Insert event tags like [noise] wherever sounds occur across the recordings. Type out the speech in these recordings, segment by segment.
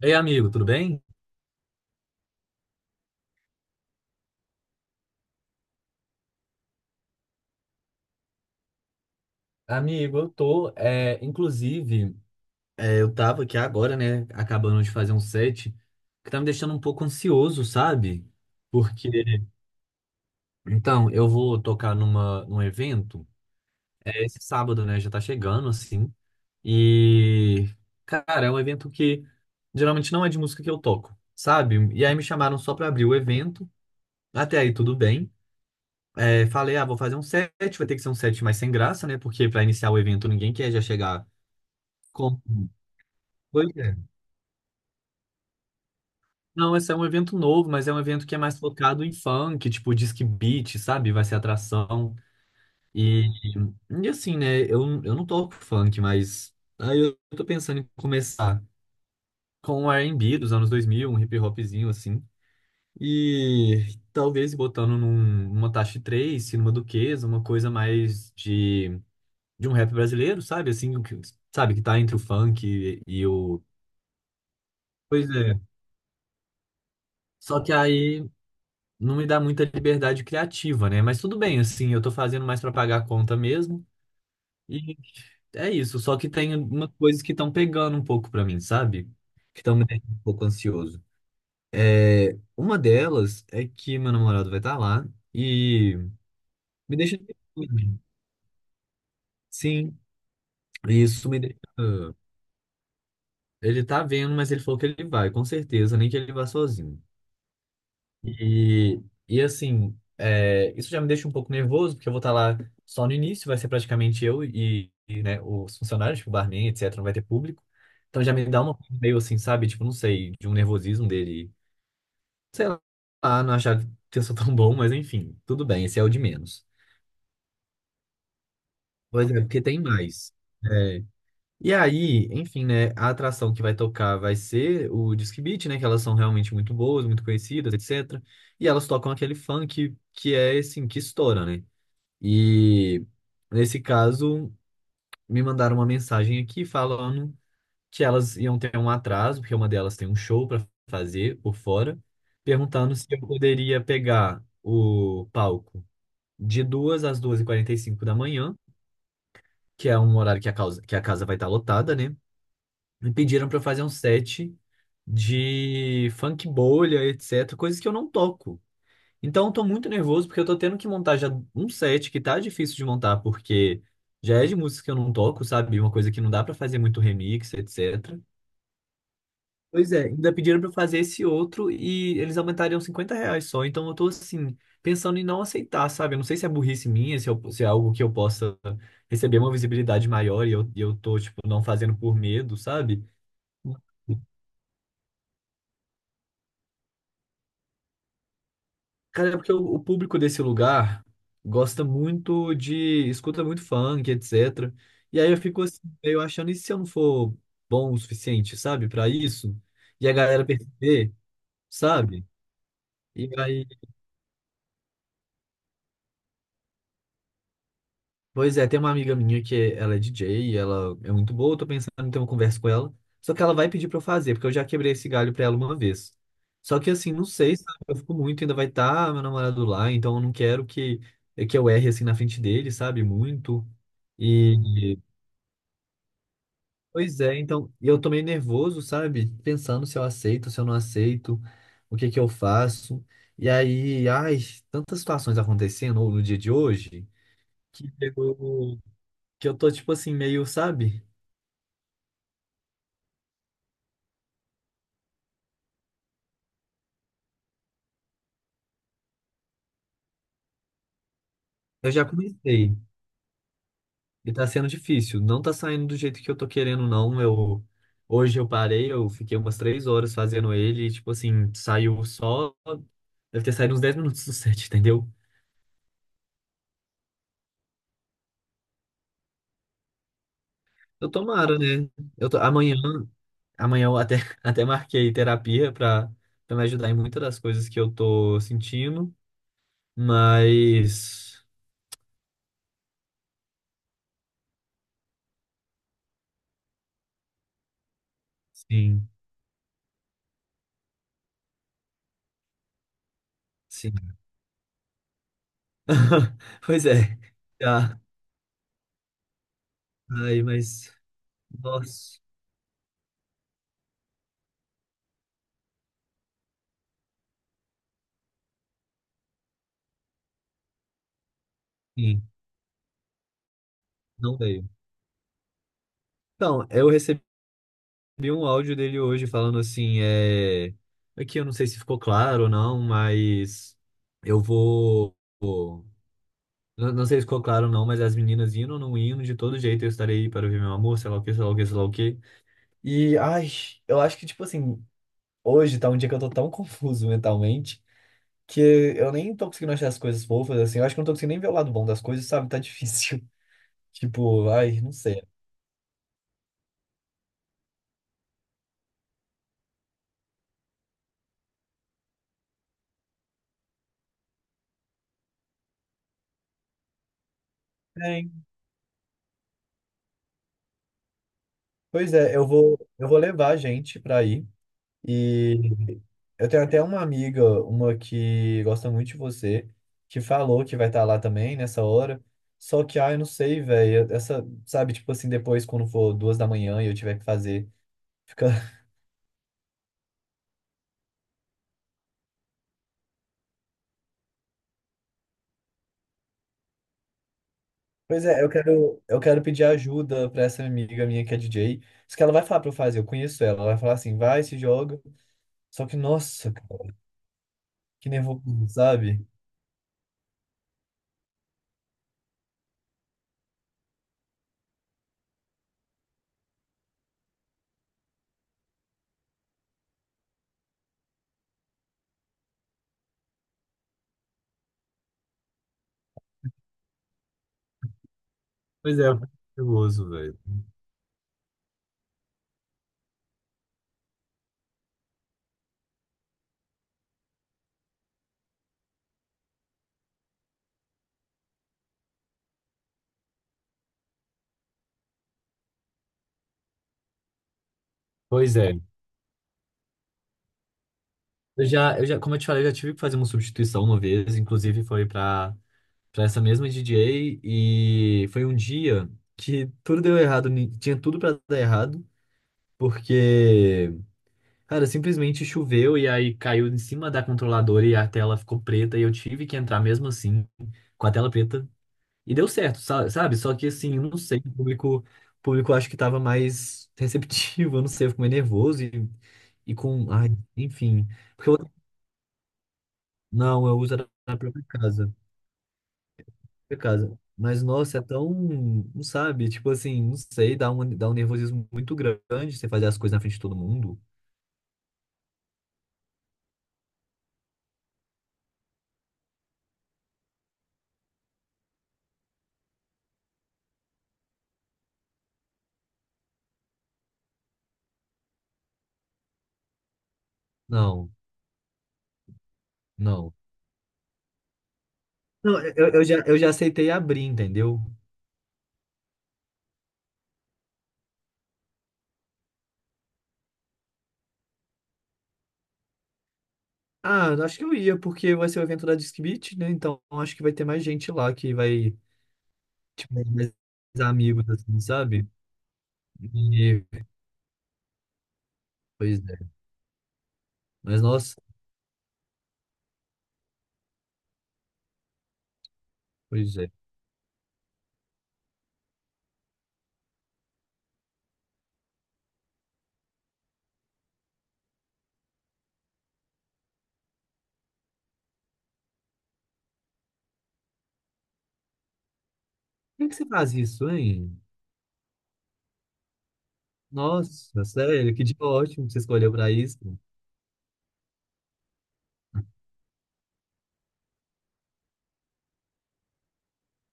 Ei, amigo, tudo bem? Amigo, eu tô, inclusive, eu tava aqui agora, né, acabando de fazer um set, que tá me deixando um pouco ansioso, sabe? Porque, então, eu vou tocar num evento, é esse sábado, né, já tá chegando, assim, e, cara, é um evento que geralmente não é de música que eu toco, sabe? E aí me chamaram só pra abrir o evento. Até aí tudo bem. É, falei, ah, vou fazer um set, vai ter que ser um set mais sem graça, né, porque pra iniciar o evento ninguém quer já chegar. Como? Pois é. Não, esse é um evento novo, mas é um evento que é mais focado em funk, tipo disc beat, sabe? Vai ser atração. E, e assim, né? Eu não toco funk, mas aí eu tô pensando em começar com o R&B dos anos 2000, um hip hopzinho assim. E talvez botando numa taxa 3, se numa Duquesa, uma coisa mais de um rap brasileiro, sabe? Assim, sabe? Que tá entre o funk e o. Pois é. Só que aí não me dá muita liberdade criativa, né? Mas tudo bem, assim, eu tô fazendo mais pra pagar a conta mesmo. E é isso, só que tem umas coisas que estão pegando um pouco pra mim, sabe? Que estão me deixando um pouco ansioso. É, uma delas é que meu namorado vai estar lá e me deixa doido. Sim, isso me deixa. Ele tá vendo, mas ele falou que ele vai, com certeza, nem que ele vá sozinho. E, e assim, isso já me deixa um pouco nervoso, porque eu vou estar lá só no início, vai ser praticamente eu e, né, os funcionários, tipo, o barman, etc., não vai ter público. Então já me dá uma coisa meio assim, sabe? Tipo, não sei, de um nervosismo dele, sei lá, não achar que eu sou tão bom, mas enfim, tudo bem, esse é o de menos. Pois é, porque tem mais. É. E aí, enfim, né? A atração que vai tocar vai ser o Disque Beat, né? Que elas são realmente muito boas, muito conhecidas, etc. E elas tocam aquele funk que é, assim, que estoura, né? E nesse caso, me mandaram uma mensagem aqui falando que elas iam ter um atraso, porque uma delas tem um show para fazer por fora, perguntando se eu poderia pegar o palco de 2h às 2h45 da manhã, que é um horário que a casa vai estar lotada, né? Me pediram para fazer um set de funk bolha, etc, coisas que eu não toco. Então eu tô muito nervoso porque eu tô tendo que montar já um set que tá difícil de montar porque já é de músicas que eu não toco, sabe? Uma coisa que não dá para fazer muito remix, etc. Pois é, ainda pediram para fazer esse outro e eles aumentariam R$ 50 só. Então eu tô assim, pensando em não aceitar, sabe? Eu não sei se é burrice minha, se é algo que eu possa receber uma visibilidade maior e eu tô, tipo, não fazendo por medo, sabe? Cara, é porque o público desse lugar gosta escuta muito funk, etc. E aí eu fico assim, meio achando, e se eu não for bom o suficiente, sabe, pra isso? E a galera perceber, sabe? E aí. Pois é, tem uma amiga minha que ela é DJ e ela é muito boa, eu tô pensando em ter uma conversa com ela. Só que ela vai pedir pra eu fazer, porque eu já quebrei esse galho pra ela uma vez. Só que assim, não sei, sabe? Eu fico muito, ainda vai estar meu namorado lá, então eu não quero que, é que eu erre assim na frente dele, sabe? Muito. E pois é, então, e eu tô meio nervoso, sabe? Pensando se eu aceito, se eu não aceito, o que que eu faço. E aí, ai, tantas situações acontecendo no dia de hoje que chegou que eu tô, tipo assim, meio, sabe? Eu já comecei e tá sendo difícil. Não tá saindo do jeito que eu tô querendo, não. Hoje eu parei, eu fiquei umas 3 horas fazendo ele e, tipo assim, saiu só. Deve ter saído uns 10 minutos do set, entendeu? Eu tomara, né? Eu tô, amanhã, amanhã eu até, [laughs] até marquei terapia pra, me ajudar em muitas das coisas que eu tô sentindo, mas. Sim, sim. [laughs] Pois é. Tá. Ai, mas. Nossa. Sim. Não veio. Então, eu recebi um áudio dele hoje falando assim. Aqui eu não sei se ficou claro ou não, mas eu vou... vou- Não, não sei se ficou claro ou não, mas as meninas indo ou não indo, de todo jeito eu estarei aí para ver meu amor, sei lá o que, sei lá o que, sei lá o que. E, ai, eu acho que, tipo assim, hoje tá um dia que eu tô tão [laughs] confuso mentalmente que eu nem tô conseguindo achar as coisas fofas, assim. Eu acho que eu não tô conseguindo nem ver o lado bom das coisas, sabe? Tá difícil. [laughs] Tipo, ai, não sei. É, hein? Pois é, eu vou levar a gente pra ir. E eu tenho até uma amiga, uma que gosta muito de você, que falou que vai estar lá também nessa hora. Só que, ah, eu não sei, velho. Essa, sabe, tipo assim, depois quando for 2h da manhã e eu tiver que fazer, fica. [laughs] Pois é, eu quero pedir ajuda pra essa amiga minha que é DJ. Isso que ela vai falar pra eu fazer, eu conheço ela. Ela vai falar assim, vai, se joga. Só que, nossa, cara, que nervoso, sabe? Pois é, eu fico nervoso, velho. Pois é. Eu já, como eu te falei, eu já tive que fazer uma substituição uma vez, inclusive foi pra para essa mesma DJ e foi um dia que tudo deu errado, tinha tudo para dar errado, porque, cara, simplesmente choveu e aí caiu em cima da controladora e a tela ficou preta e eu tive que entrar mesmo assim com a tela preta e deu certo, sabe? Só que assim, eu não sei, o público acho que tava mais [laughs] receptivo, eu não sei, eu fico meio nervoso e com, ai, enfim, porque eu, não, eu uso na própria casa. Por causa. Mas, nossa, é tão, não sabe, tipo assim, não sei, dá um nervosismo muito grande você fazer as coisas na frente de todo mundo. Não, não. Não, eu já aceitei abrir, entendeu? Ah, eu acho que eu ia, porque vai ser o evento da Disque Beat, né? Então acho que vai ter mais gente lá que vai, tipo, mais amigos, assim, sabe? E, pois é. Mas, nossa, pois é. Por que que você faz isso, hein? Nossa, sério, que dia ótimo que você escolheu pra isso.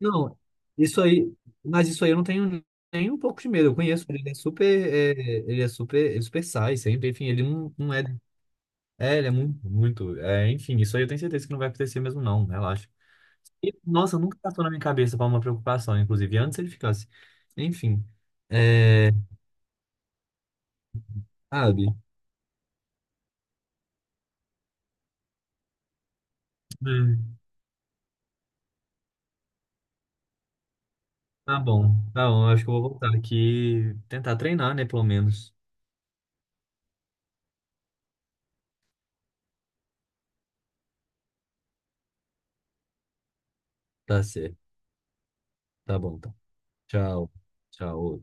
Não, isso aí, mas isso aí eu não tenho nem um pouco de medo. Eu conheço ele, ele é super, ele é super, ele é super sai sempre, enfim, ele não, não é, ele é muito, muito, enfim, isso aí eu tenho certeza que não vai acontecer mesmo não, relaxa. E, nossa, nunca passou na minha cabeça para uma preocupação, inclusive antes ele ficasse, enfim, sabe? É, tá bom, acho que eu vou voltar aqui, tentar treinar, né, pelo menos. Tá certo, tá bom, tá. Tchau, tchau.